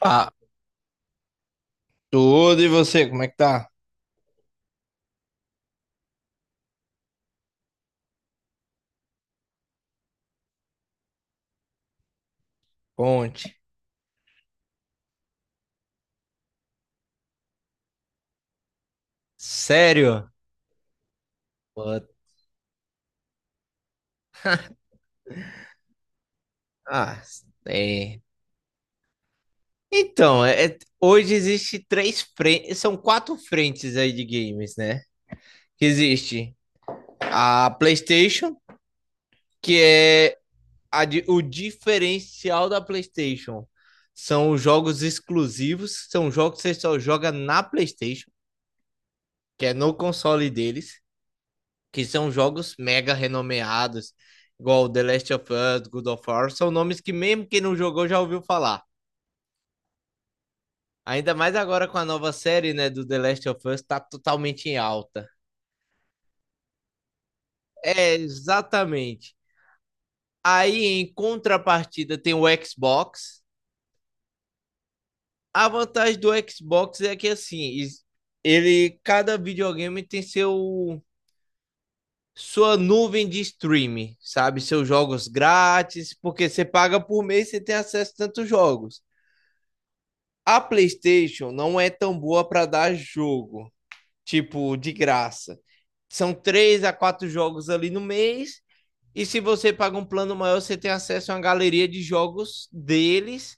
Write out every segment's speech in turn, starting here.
Tá, tudo e você, como é que tá? Conte. Sério? What? Ah, é. Então, hoje existe três frentes, são quatro frentes aí de games, né? Que existe a PlayStation, que é a o diferencial da PlayStation. São os jogos exclusivos, são jogos que você só joga na PlayStation, que é no console deles. Que são jogos mega renomeados, igual The Last of Us, God of War, são nomes que mesmo quem não jogou já ouviu falar. Ainda mais agora com a nova série, né, do The Last of Us, tá totalmente em alta. É, exatamente. Aí, em contrapartida, tem o Xbox. A vantagem do Xbox é que, assim, ele, cada videogame tem seu sua nuvem de streaming, sabe? Seus jogos grátis, porque você paga por mês e você tem acesso a tantos jogos. A PlayStation não é tão boa para dar jogo, tipo, de graça. São três a quatro jogos ali no mês. E se você paga um plano maior, você tem acesso a uma galeria de jogos deles,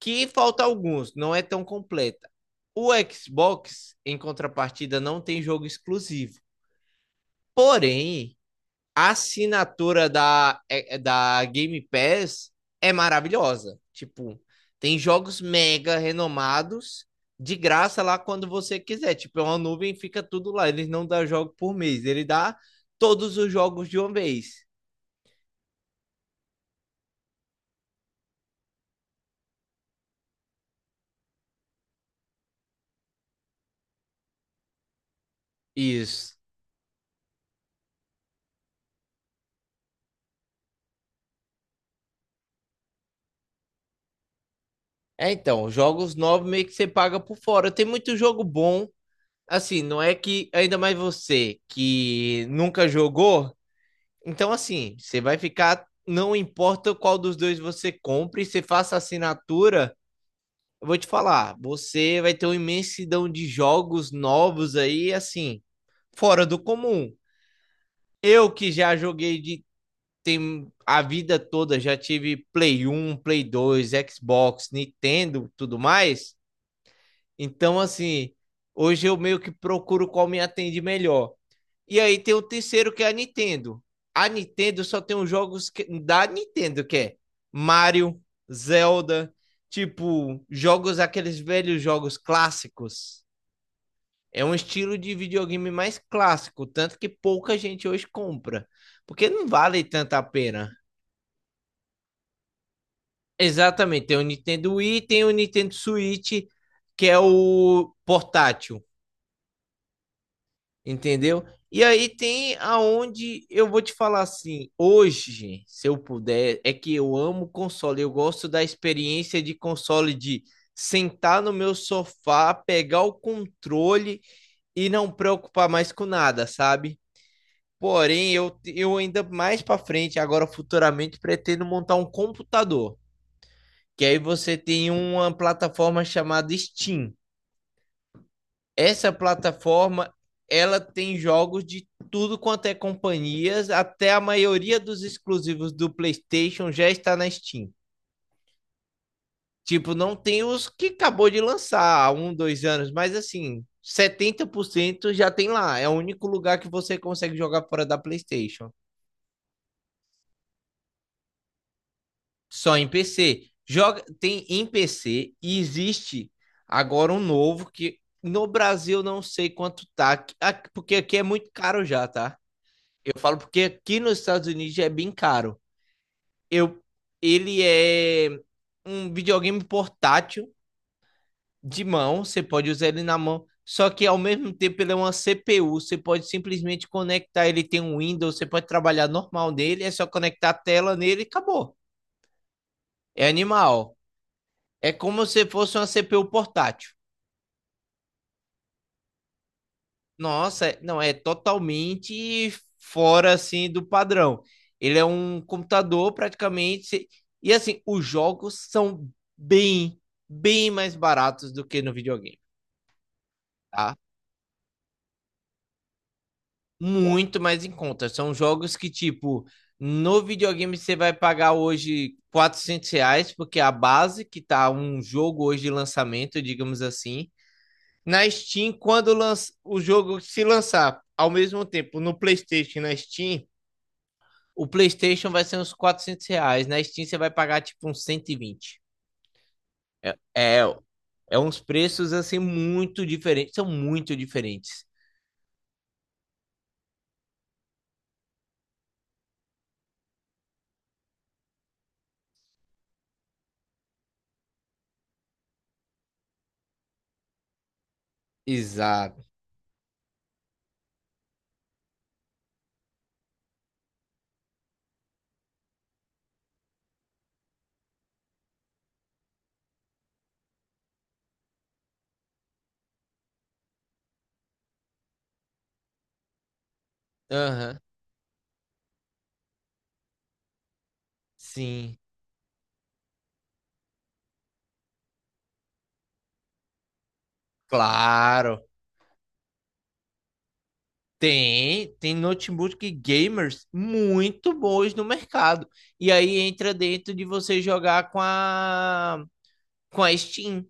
que falta alguns, não é tão completa. O Xbox, em contrapartida, não tem jogo exclusivo. Porém, a assinatura da Game Pass é maravilhosa. Tipo, tem jogos mega renomados de graça lá quando você quiser. Tipo, é uma nuvem, fica tudo lá. Eles não dá jogo por mês, ele dá todos os jogos de uma vez. Isso. É, então, jogos novos meio que você paga por fora. Tem muito jogo bom. Assim, não é que ainda mais você que nunca jogou, então, assim, você vai ficar. Não importa qual dos dois você compre, você faça assinatura. Eu vou te falar, você vai ter uma imensidão de jogos novos aí, assim, fora do comum. Eu que já joguei de tem a vida toda, já tive Play 1, Play 2, Xbox, Nintendo, tudo mais. Então, assim, hoje eu meio que procuro qual me atende melhor. E aí tem o terceiro, que é a Nintendo. A Nintendo só tem os jogos da Nintendo, que é Mario, Zelda, tipo, jogos, aqueles velhos jogos clássicos. É um estilo de videogame mais clássico, tanto que pouca gente hoje compra, porque não vale tanta pena. Exatamente, tem o Nintendo Wii, tem o Nintendo Switch, que é o portátil. Entendeu? E aí tem aonde eu vou te falar assim, hoje, gente, se eu puder, é que eu amo console, eu gosto da experiência de console de sentar no meu sofá, pegar o controle e não preocupar mais com nada, sabe? Porém, eu ainda mais para frente, agora futuramente, pretendo montar um computador, que aí você tem uma plataforma chamada Steam. Essa plataforma ela tem jogos de tudo quanto é companhias, até a maioria dos exclusivos do PlayStation já está na Steam. Tipo, não tem os que acabou de lançar há um, dois anos, mas assim, 70% já tem lá. É o único lugar que você consegue jogar fora da PlayStation. Só em PC. Joga, tem em PC e existe agora um novo que no Brasil não sei quanto tá, porque aqui é muito caro já, tá? Eu falo porque aqui nos Estados Unidos é bem caro. Eu, ele é um videogame portátil de mão, você pode usar ele na mão, só que ao mesmo tempo ele é uma CPU, você pode simplesmente conectar, ele tem um Windows, você pode trabalhar normal nele, é só conectar a tela nele e acabou. É animal. É como se fosse uma CPU portátil. Nossa, não, é totalmente fora assim do padrão. Ele é um computador praticamente e assim, os jogos são bem, bem mais baratos do que no videogame, tá? Muito mais em conta. São jogos que tipo, no videogame você vai pagar hoje R$ 400, porque a base que tá um jogo hoje de lançamento, digamos assim, na Steam, quando lança, o jogo se lançar ao mesmo tempo no PlayStation e na Steam, o PlayStation vai ser uns R$ 400. Na Steam você vai pagar tipo uns 120. É, é, é uns preços assim muito diferentes. São muito diferentes. Exato. Aham, sim, claro. Tem, tem notebook gamers muito bons no mercado. E aí entra dentro de você jogar com a Steam,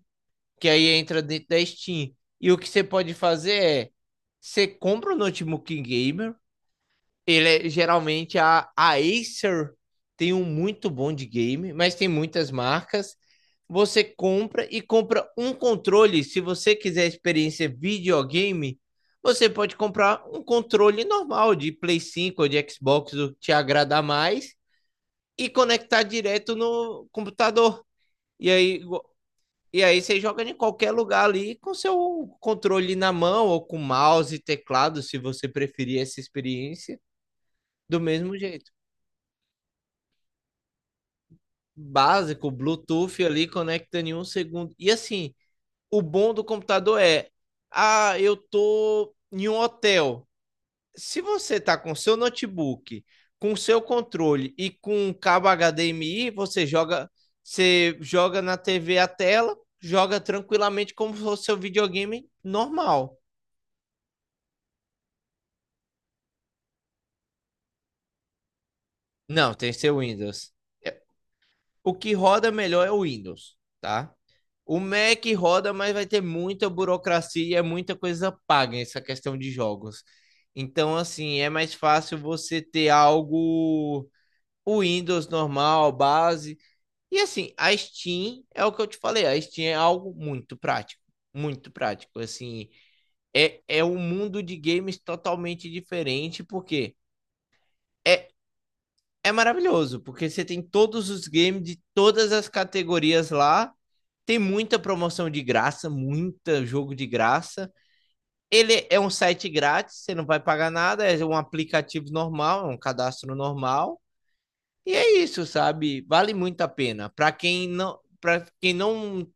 que aí entra dentro da Steam. E o que você pode fazer é você compra um notebook gamer, ele é, geralmente a Acer tem um muito bom de game, mas tem muitas marcas. Você compra e compra um controle. Se você quiser experiência videogame, você pode comprar um controle normal de Play 5 ou de Xbox, o que te agradar mais, e conectar direto no computador. E aí, e aí você joga em qualquer lugar ali com seu controle na mão ou com mouse e teclado, se você preferir essa experiência, do mesmo jeito. Básico, Bluetooth ali, conecta em um segundo. E assim, o bom do computador é, ah, eu tô em um hotel. Se você tá com seu notebook, com seu controle e com um cabo HDMI, você joga na TV a tela, joga tranquilamente como se fosse seu videogame normal. Não, tem seu Windows. É, o que roda melhor é o Windows, tá? O Mac roda, mas vai ter muita burocracia, muita coisa paga essa questão de jogos. Então, assim, é mais fácil você ter algo o Windows normal, base. E assim, a Steam é o que eu te falei, a Steam é algo muito prático, muito prático. Assim, é um mundo de games totalmente diferente, porque é, é maravilhoso, porque você tem todos os games de todas as categorias lá. Tem muita promoção de graça, muita jogo de graça. Ele é um site grátis, você não vai pagar nada, é um aplicativo normal, é um cadastro normal. E é isso, sabe? Vale muito a pena. Para quem não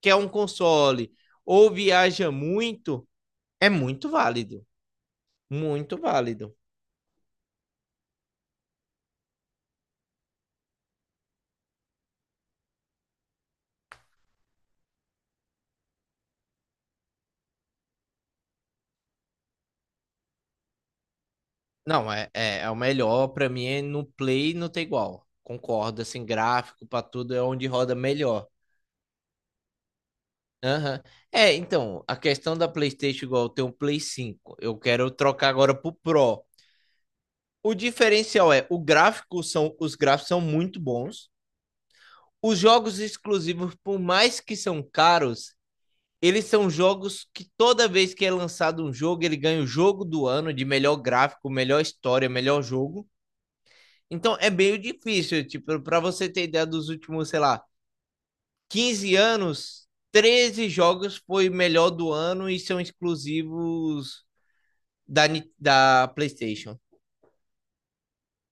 quer um console ou viaja muito, é muito válido, muito válido. Não, é o melhor pra mim é no Play não tem igual. Concordo, assim, gráfico pra tudo é onde roda melhor. Aham. É, então, a questão da PlayStation igual eu tenho um Play 5, eu quero trocar agora pro Pro. O diferencial é, o gráfico os gráficos são muito bons. Os jogos exclusivos, por mais que são caros, eles são jogos que toda vez que é lançado um jogo, ele ganha o jogo do ano de melhor gráfico, melhor história, melhor jogo. Então é meio difícil, tipo, para você ter ideia dos últimos, sei lá, 15 anos, 13 jogos foi melhor do ano e são exclusivos da, da PlayStation.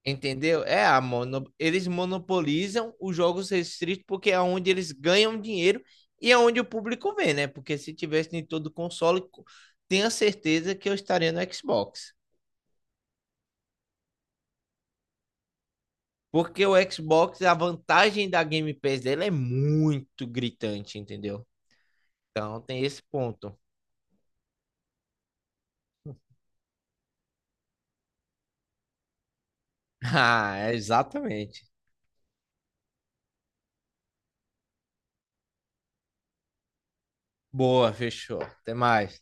Entendeu? É a mono... eles monopolizam os jogos restritos porque é onde eles ganham dinheiro e é onde o público vê, né? Porque se tivesse em todo console, tenha certeza que eu estaria no Xbox. Porque o Xbox, a vantagem da Game Pass dela é muito gritante, entendeu? Então tem esse ponto. Ah, é exatamente. Boa, fechou. Até mais.